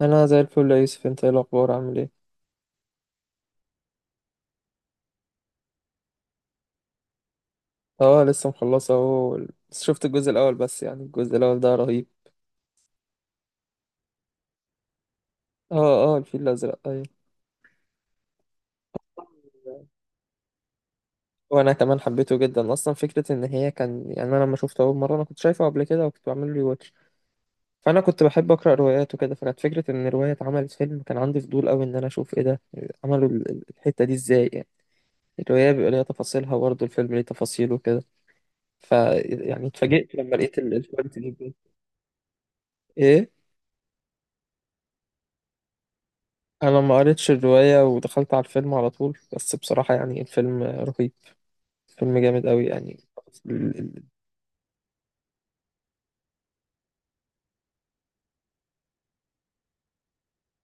انا زي الفل يا يوسف، انت ايه الاخبار عامل ايه؟ اه لسه مخلصه اهو. بس شفت الجزء الاول بس، يعني الجزء الاول ده رهيب. اه اه، الفيل الازرق ايوه. وانا كمان حبيته جدا، اصلا فكره ان هي كان، يعني انا لما شفته اول مره انا كنت شايفه قبل كده وكنت بعمل له واتش. فانا كنت بحب اقرا روايات وكده، فكانت فكره ان روايه اتعملت فيلم، كان عندي فضول قوي ان انا اشوف ايه ده، عملوا الحته دي ازاي يعني. الروايه بيبقى ليها تفاصيلها برضه، الفيلم ليه تفاصيله وكده. ف يعني اتفاجئت لما لقيت الكواليتي دي بجد. ايه؟ انا ما قريتش الرواية ودخلت على الفيلم على طول، بس بصراحة يعني الفيلم رهيب، فيلم جامد قوي يعني. ال- ال-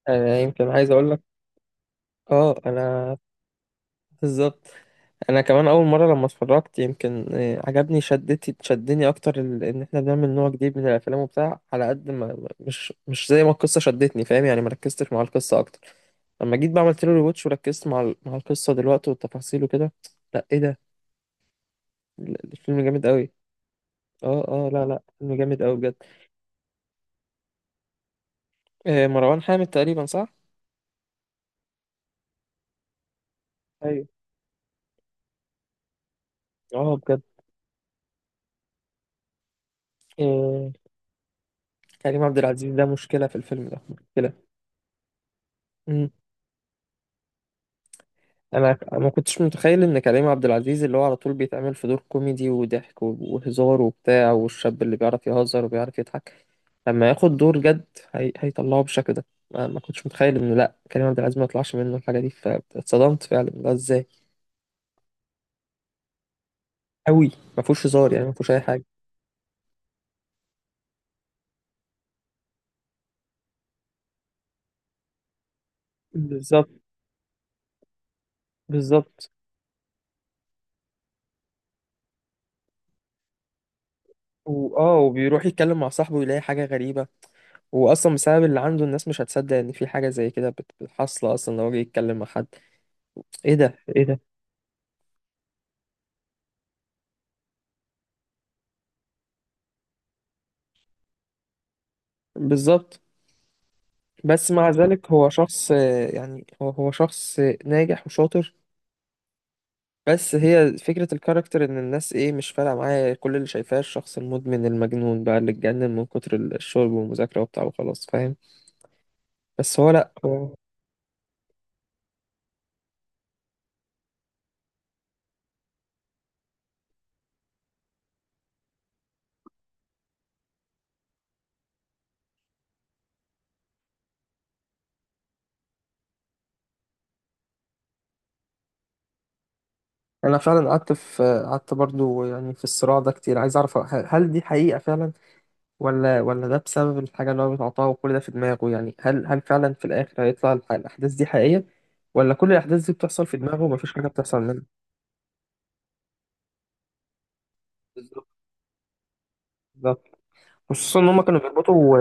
انا يمكن عايز اقول لك، اه انا بالظبط. انا كمان اول مرة لما اتفرجت يمكن عجبني، شدتي شدني اكتر ان احنا بنعمل نوع جديد من الافلام وبتاع، على قد ما مش زي ما القصة شدتني، فاهم يعني، ما ركزتش مع القصة اكتر. لما جيت بعملت له ريواتش وركزت مع مع القصة دلوقتي والتفاصيل وكده. لا ايه ده، الفيلم جامد قوي. اه اه، لا لا، فيلم جامد قوي بجد. مروان حامد تقريبا صح؟ ايوه. اه بجد. آه، كريم عبد العزيز ده مشكلة في الفيلم ده، مشكلة. مم. أنا ما كنتش متخيل إن كريم عبد العزيز اللي هو على طول بيتعمل في دور كوميدي وضحك وهزار وبتاع، والشاب اللي بيعرف يهزر وبيعرف يضحك، لما ياخد دور جد، هي... هيطلعه بالشكل ده. ما كنتش متخيل إنه لأ، كريم عبد العزيز ما يطلعش منه الحاجة دي، فاتصدمت فعلا ده إزاي؟ أوي. ما فيهوش هزار يعني، ما فيهوش أي حاجة. بالظبط. بالظبط. وآه وبيروح يتكلم مع صاحبه يلاقي حاجة غريبة. واصلا بسبب اللي عنده الناس مش هتصدق ان في حاجه زي كده حاصله، اصلا لو جه يتكلم مع حد. ايه ده ايه ده. بالظبط. بس مع ذلك هو شخص يعني هو شخص ناجح وشاطر. بس هي فكره الكاركتر ان الناس ايه، مش فارقه معايا، كل اللي شايفاه الشخص المدمن المجنون بقى اللي اتجنن من كتر الشرب والمذاكره وبتاع وخلاص، فاهم. بس هو لا هو. انا فعلا قعدت في، قعدت برضو يعني في الصراع ده كتير، عايز اعرف هل دي حقيقه فعلا، ولا ده بسبب الحاجة اللي هو بيتعاطاها وكل ده في دماغه، يعني هل فعلا في الآخر هيطلع الأحداث دي حقيقية، ولا كل الأحداث دي بتحصل في دماغه ومفيش حاجة بتحصل منها. بالظبط. بالظبط. خصوصا إن هما كانوا بيربطوا.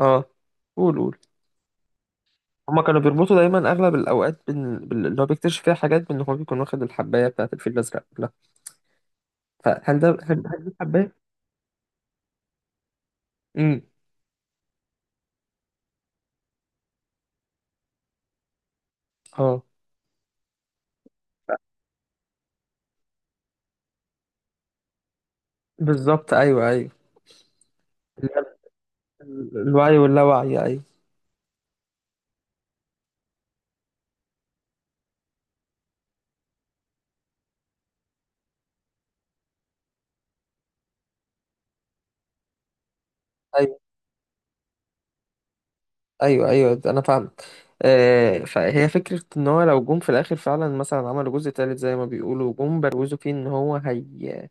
آه، قول قول. هما كانوا بيربطوا دايما أغلب الأوقات اللي هو بيكتشف فيها حاجات بإن هو بيكون واخد الحباية بتاعة الفيل الأزرق، لا. فهل ده، هل دي الحباية؟ أمم. آه. بالظبط أيوه أيوه. الوعي واللاوعي أيوه. أيوه. أيوه أنا فاهم. آه، فهي فكرة ان هو لو جم في الاخر فعلا، مثلا عملوا جزء تالت زي ما بيقولوا، جم بروزوا فيه ان هو، هي...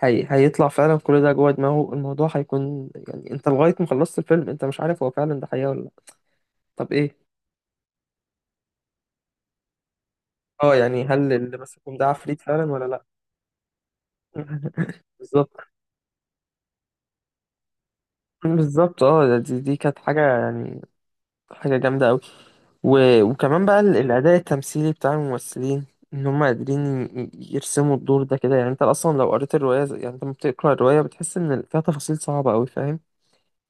هي... هيطلع فعلا كل ده جوه دماغه، الموضوع هيكون يعني انت لغاية ما خلصت الفيلم انت مش عارف هو فعلا ده حقيقة ولا لا. طب ايه؟ اه يعني هل اللي ماسكهم ده عفريت فعلا ولا لا. بالظبط. بالظبط. اه دي كانت حاجة، يعني حاجة جامدة أوي. و... وكمان بقى الأداء التمثيلي بتاع الممثلين، إن هم قادرين يرسموا الدور ده كده، يعني أنت أصلا لو قريت الرواية يعني أنت لما بتقرأ الرواية بتحس إن فيها تفاصيل صعبة أوي، فاهم.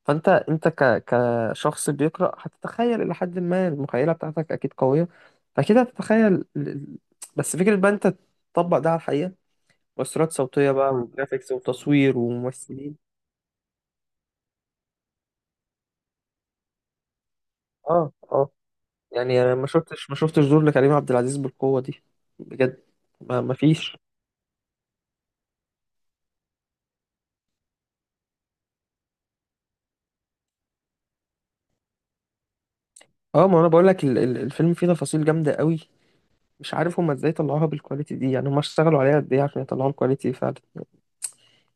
فأنت، أنت ك... كشخص بيقرأ هتتخيل إلى حد ما، المخيلة بتاعتك أكيد قوية، فأكيد هتتخيل بس فكرة بقى أنت تطبق ده على الحقيقة. مؤثرات صوتية بقى وجرافيكس وتصوير وممثلين. اه اه. يعني انا ما شفتش، ما شفتش دور لكريم عبد العزيز بالقوه دي بجد. ما ما فيش. اه، ما انا بقول لك الفيلم فيه تفاصيل جامده قوي، مش عارف هما ازاي طلعوها بالكواليتي دي، يعني هما اشتغلوا عليها قد ايه عشان يطلعوا الكواليتي دي فعلا.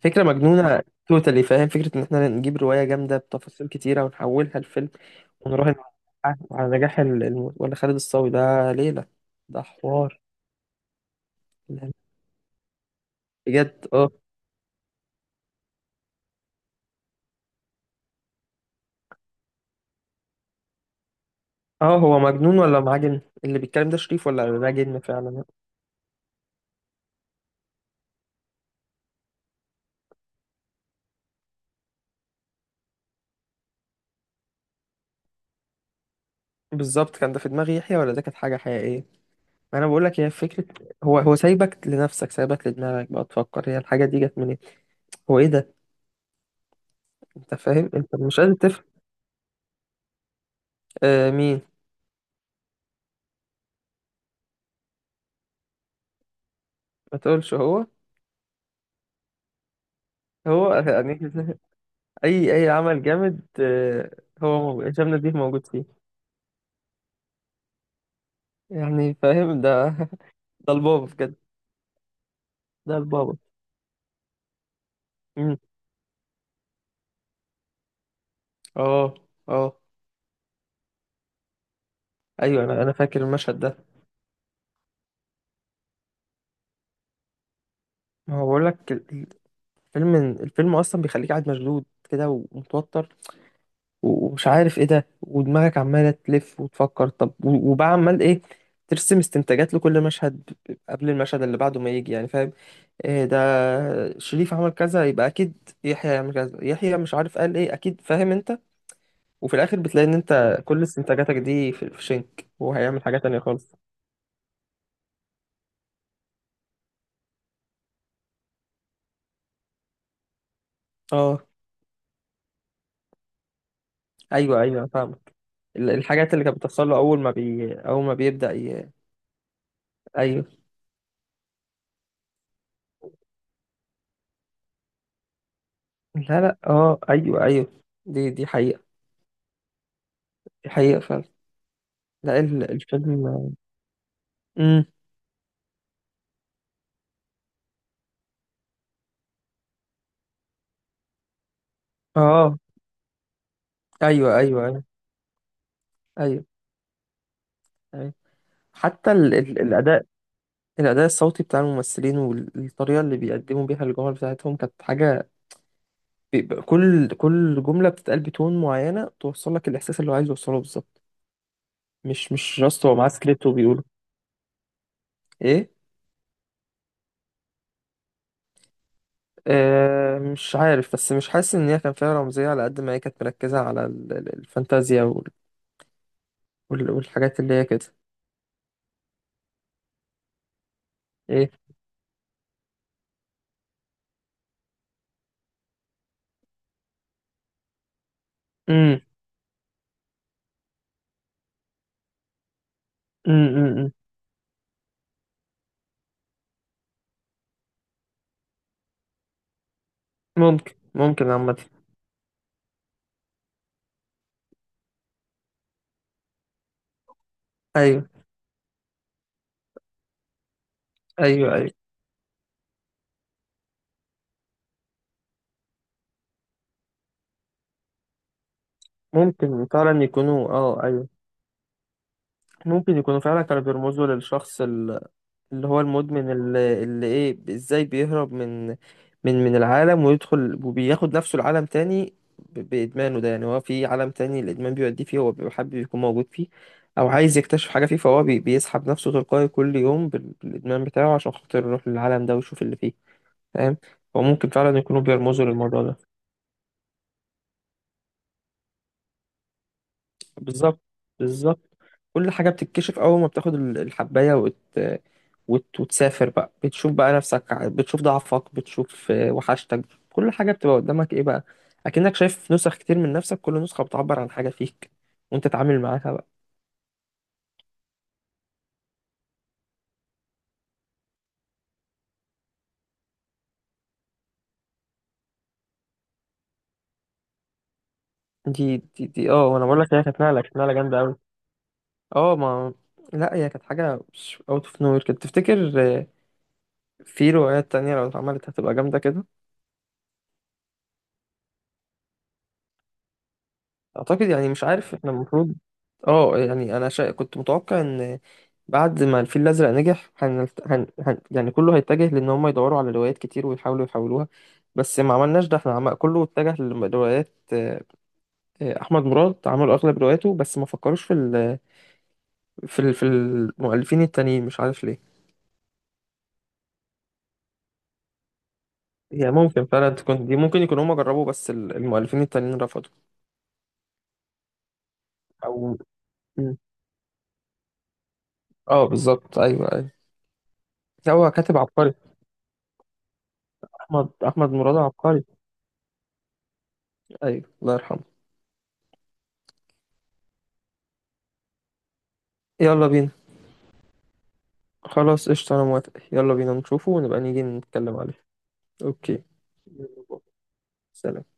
فكره مجنونه توتالي، فاهم، فكره ان احنا نجيب روايه جامده بتفاصيل كتيره ونحولها لفيلم ونراهن على نجاح ولا خالد الصاوي ده ليله، ده حوار. بجد. اه اه، هو مجنون ولا معاه جن؟ اللي بيتكلم ده شريف ولا ده جن فعلا؟ بالظبط. كان ده في دماغ يحيى ولا ده كانت حاجة حقيقية؟ ما انا بقول لك هي فكرة، هو سايبك لنفسك، سايبك لدماغك بقى تفكر هي الحاجة دي جت منين، هو ايه ده. انت فاهم، انت مش قادر تفهم. آه مين؟ ما تقولش. هو هو يعني. اي اي عمل جامد آه. هو موجود، هشام نديم موجود فيه. يعني فاهم ده. ده البابا بجد، ده البابا. امم. اه. اه ايوه، انا فاكر المشهد ده. ما هو بقول لك، الفيلم الفيلم اصلا بيخليك قاعد مشدود كده ومتوتر، ومش عارف ايه ده، ودماغك عمالة تلف وتفكر، طب وبقى عمال ايه، ترسم استنتاجات لكل مشهد قبل المشهد اللي بعده ما يجي، يعني فاهم. إيه ده، شريف عمل كذا، يبقى اكيد يحيى يعمل كذا، يحيى مش عارف قال ايه اكيد، فاهم انت. وفي الاخر بتلاقي ان انت كل استنتاجاتك دي في شنك، وهو هيعمل حاجة تانية خالص. اه ايوه، ايوه أنا فاهمك. الحاجات اللي كانت بتحصل له اول ما بي، اول ما بيبدأ ي... ايوه. لا لا، اه ايوه، ايوه دي حقيقة، دي حقيقة فعلا. لا الفيلم. امم. اه ايوه ايوه ايوه. ايوه. ايوه. حتى ال ال الاداء، الاداء الصوتي بتاع الممثلين والطريقه اللي بيقدموا بيها الجمل بتاعتهم كانت حاجه، بيبقى كل جمله بتتقال بتون معينه توصل لك الاحساس اللي هو عايز يوصله بالظبط، مش راسته هو معاه سكريبت وبيقوله. ايه. آه مش عارف، بس مش حاسس ان هي كان فيها رمزيه، على قد ما هي كانت مركزه على الفانتازيا وال والحاجات اللي هي كده. ايه. امم. امم. أمم. ممكن، ممكن عامه. ايوه ايوه ايوه. ممكن فعلا يكونوا، اه ايوه، ممكن يكونوا فعلا كانوا بيرمزوا للشخص اللي هو المدمن، اللي ايه، ازاي بيهرب من من العالم ويدخل وبياخد نفسه العالم تاني بإدمانه ده، يعني هو في عالم تاني الإدمان بيوديه فيه هو بيبقى حابب يكون موجود فيه، أو عايز يكتشف حاجة فيه، فهو بيسحب نفسه تلقائي كل يوم بالإدمان بتاعه عشان خاطر يروح للعالم ده ويشوف اللي فيه، فاهم. فممكن فعلا يكونوا بيرمزوا للموضوع ده. بالظبط. بالظبط. كل حاجة بتتكشف أول ما بتاخد الحباية وتسافر بقى، بتشوف بقى نفسك، بتشوف ضعفك، بتشوف آه، وحشتك، كل حاجة بتبقى قدامك إيه بقى، أكنك شايف نسخ كتير من نفسك، كل نسخة بتعبر عن حاجة فيك وأنت تتعامل معاها بقى. دي أه، أنا بقول لك هي كانت نقلة، كانت نقلة جامدة أوي. أه ما، لا هي كانت حاجة أوت أوف نوير، كنت تفتكر آه، في روايات تانية لو اتعملت هتبقى جامدة كده؟ اعتقد يعني، مش عارف، احنا المفروض. اه يعني انا كنت متوقع ان بعد ما الفيل الازرق نجح يعني كله هيتجه لان هم يدوروا على روايات كتير ويحاولوا يحولوها، بس ما عملناش ده احنا، كله اتجه لروايات، احمد مراد عملوا اغلب رواياته، بس ما فكروش في في المؤلفين التانيين، مش عارف ليه. هي ممكن فعلا تكون دي، ممكن يكونوا هم جربوا بس المؤلفين التانيين رفضوا. او م. اه بالظبط ايوه ايوه. هو كاتب عبقري، احمد مراد عبقري. ايوه الله يرحمه. يلا بينا. خلاص قشطة، انا موافق، يلا بينا نشوفه ونبقى نيجي نتكلم عليه. اوكي. يلا باي. سلام.